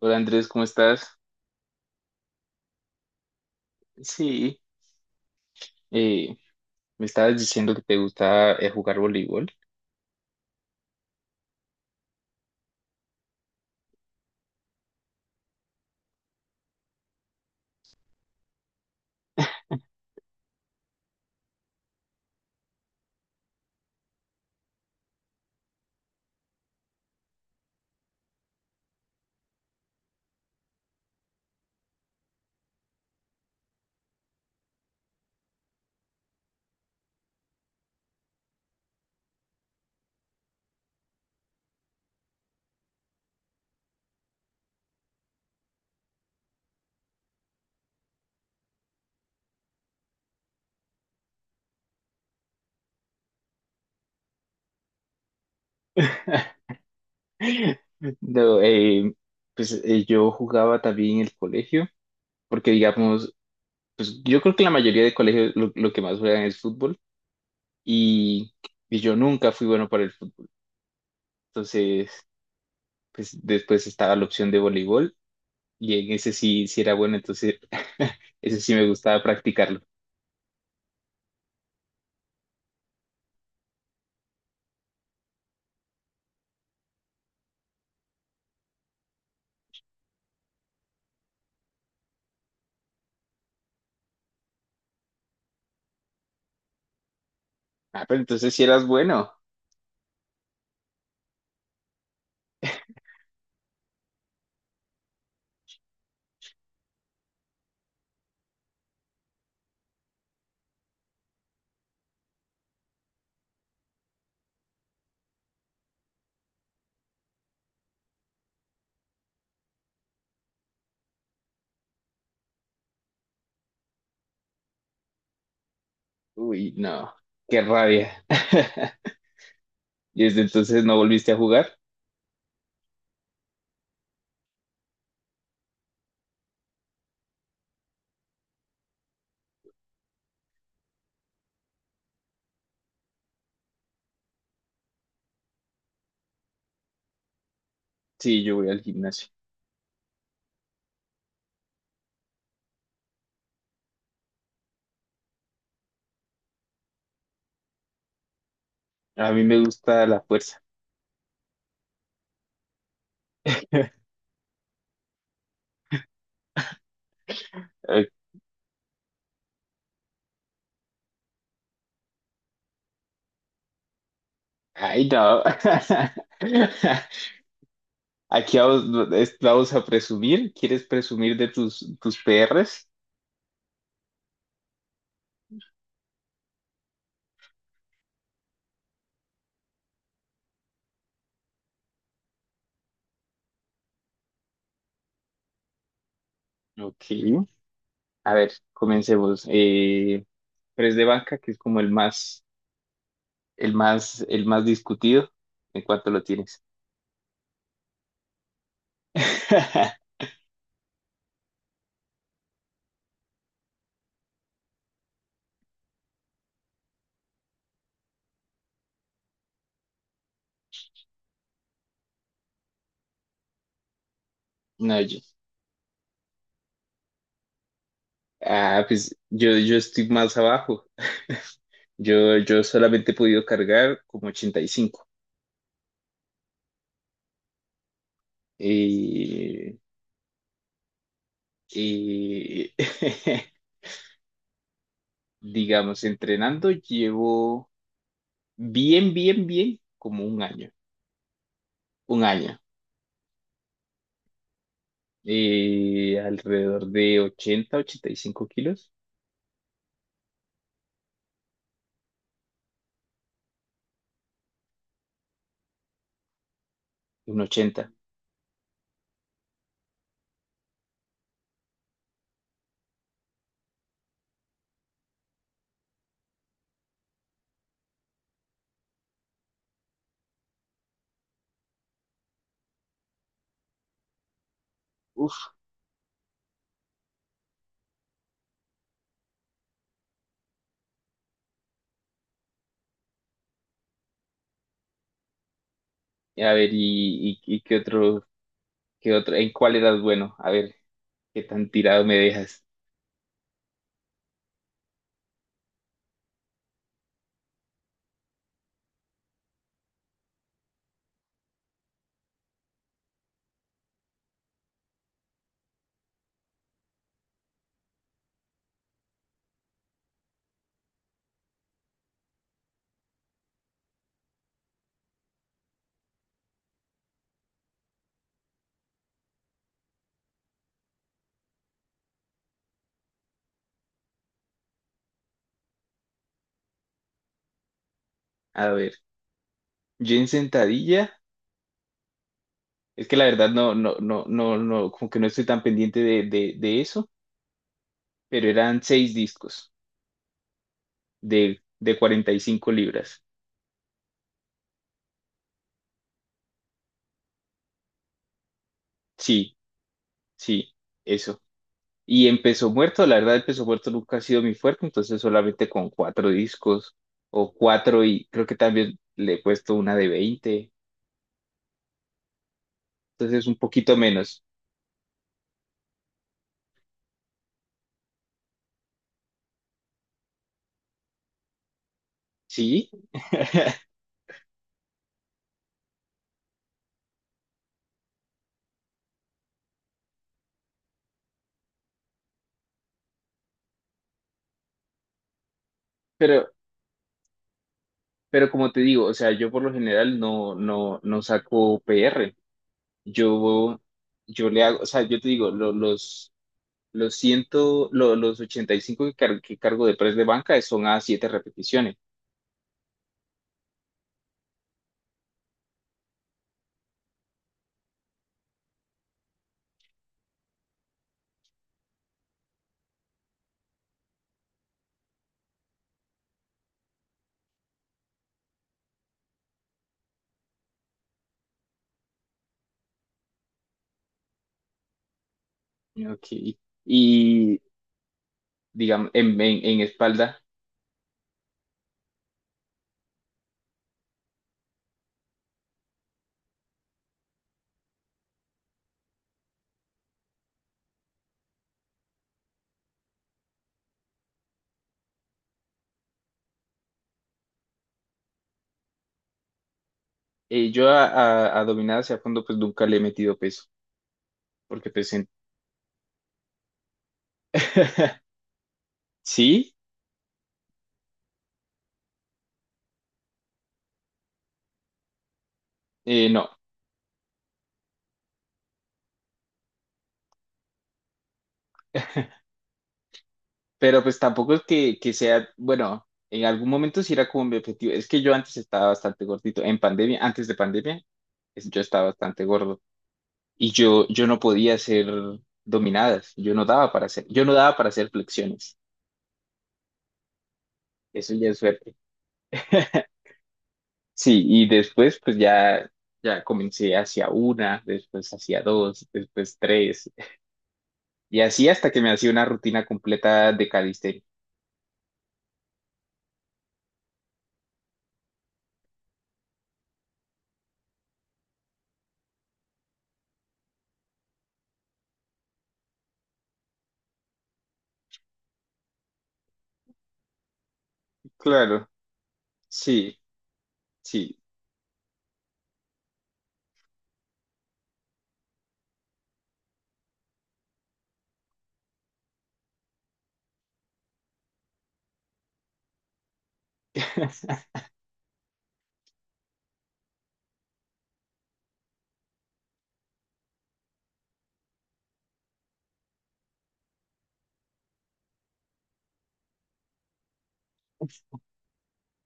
Hola Andrés, ¿cómo estás? Sí, eh, me estabas diciendo que te gusta jugar voleibol. No, pues yo jugaba también en el colegio, porque digamos, pues yo creo que la mayoría de colegios lo que más juegan es fútbol y, y yo nunca fui bueno para el fútbol. Entonces, pues después estaba la opción de voleibol y en ese sí, sí era bueno, entonces ese sí me gustaba practicarlo. Ah, pero entonces si eras bueno. Uy, no, qué rabia. ¿Y desde entonces no volviste a jugar? Sí, yo voy al gimnasio. A mí me gusta la fuerza. Ay, no. Aquí vamos, vamos a presumir. ¿Quieres presumir de tus PRs? Ok. A ver, comencemos. Press de banca, que es como el más, discutido. ¿En cuánto lo tienes? No, yo. Ah, pues yo estoy más abajo. Yo solamente he podido cargar como 85. Eh, eh, digamos, entrenando llevo bien, bien, bien como un año. Alrededor de 85 kilos. 1,80. Uf, a ver, y qué otro, en cuál edad, bueno, a ver, qué tan tirado me dejas. A ver, yo en sentadilla, es que la verdad no, no, no, no, no, como que no estoy tan pendiente de eso, pero eran seis discos, de 45 libras. Sí, sí, eso. Y en peso muerto, la verdad, el peso muerto nunca ha sido mi fuerte, entonces solamente con cuatro discos o cuatro y creo que también le he puesto una de 20, entonces un poquito menos. Sí, pero, pero como te digo, o sea, yo por lo general no, no, no saco PR. Yo, yo le hago, o sea, yo te digo, los 85 que cargo de press de banca son a 7 repeticiones. Ok. Y, digamos, en espalda, yo a dominada hacia fondo, pues nunca le he metido peso, porque pues sí, no, pero pues tampoco es que sea, bueno, en algún momento sí era como mi objetivo, es que yo antes estaba bastante gordito, en pandemia, antes de pandemia, yo estaba bastante gordo y yo no podía hacer dominadas, yo no daba para hacer, yo no daba para hacer flexiones, eso ya es suerte. Sí, y después pues ya comencé hacia una, después hacia dos, después tres, y así hasta que me hacía una rutina completa de calistenia. Claro, sí, sí.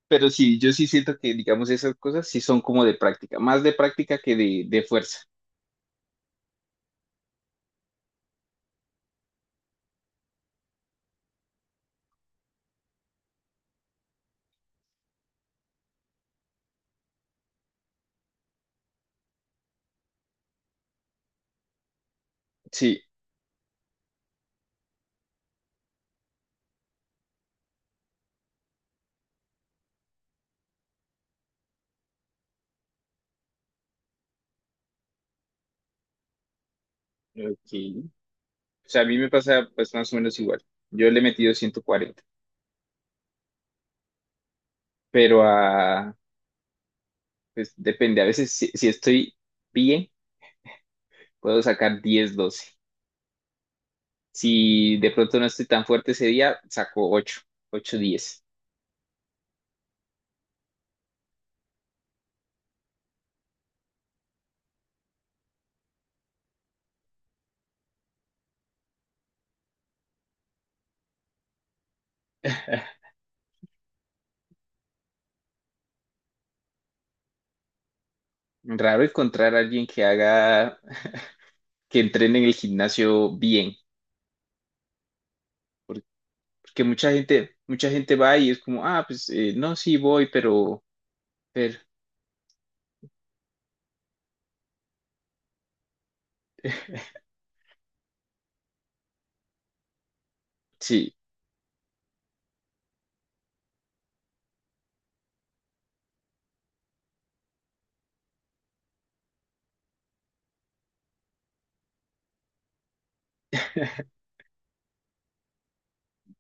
Pero sí, yo sí siento que, digamos, esas cosas sí son como de práctica, más de práctica que de fuerza. Sí, ok. O sea, a mí me pasa pues más o menos igual. Yo le he metido 140, pero pues depende, a veces si, si estoy bien, puedo sacar 10 12. Si de pronto no estoy tan fuerte ese día, saco ocho 10. Raro encontrar a alguien que haga, que entrene en el gimnasio bien, por- porque mucha gente va y es como, ah, pues no, sí voy, pero, sí,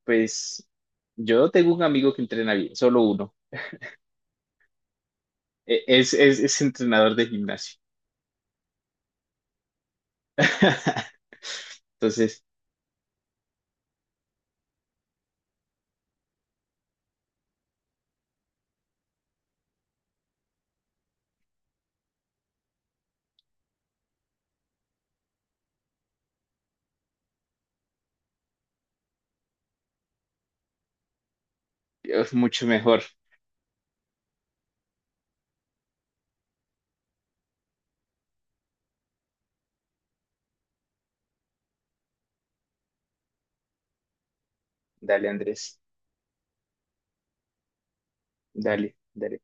pues yo tengo un amigo que entrena bien, solo uno. Es entrenador de gimnasio. Entonces, es mucho mejor. Dale, Andrés, dale, dale.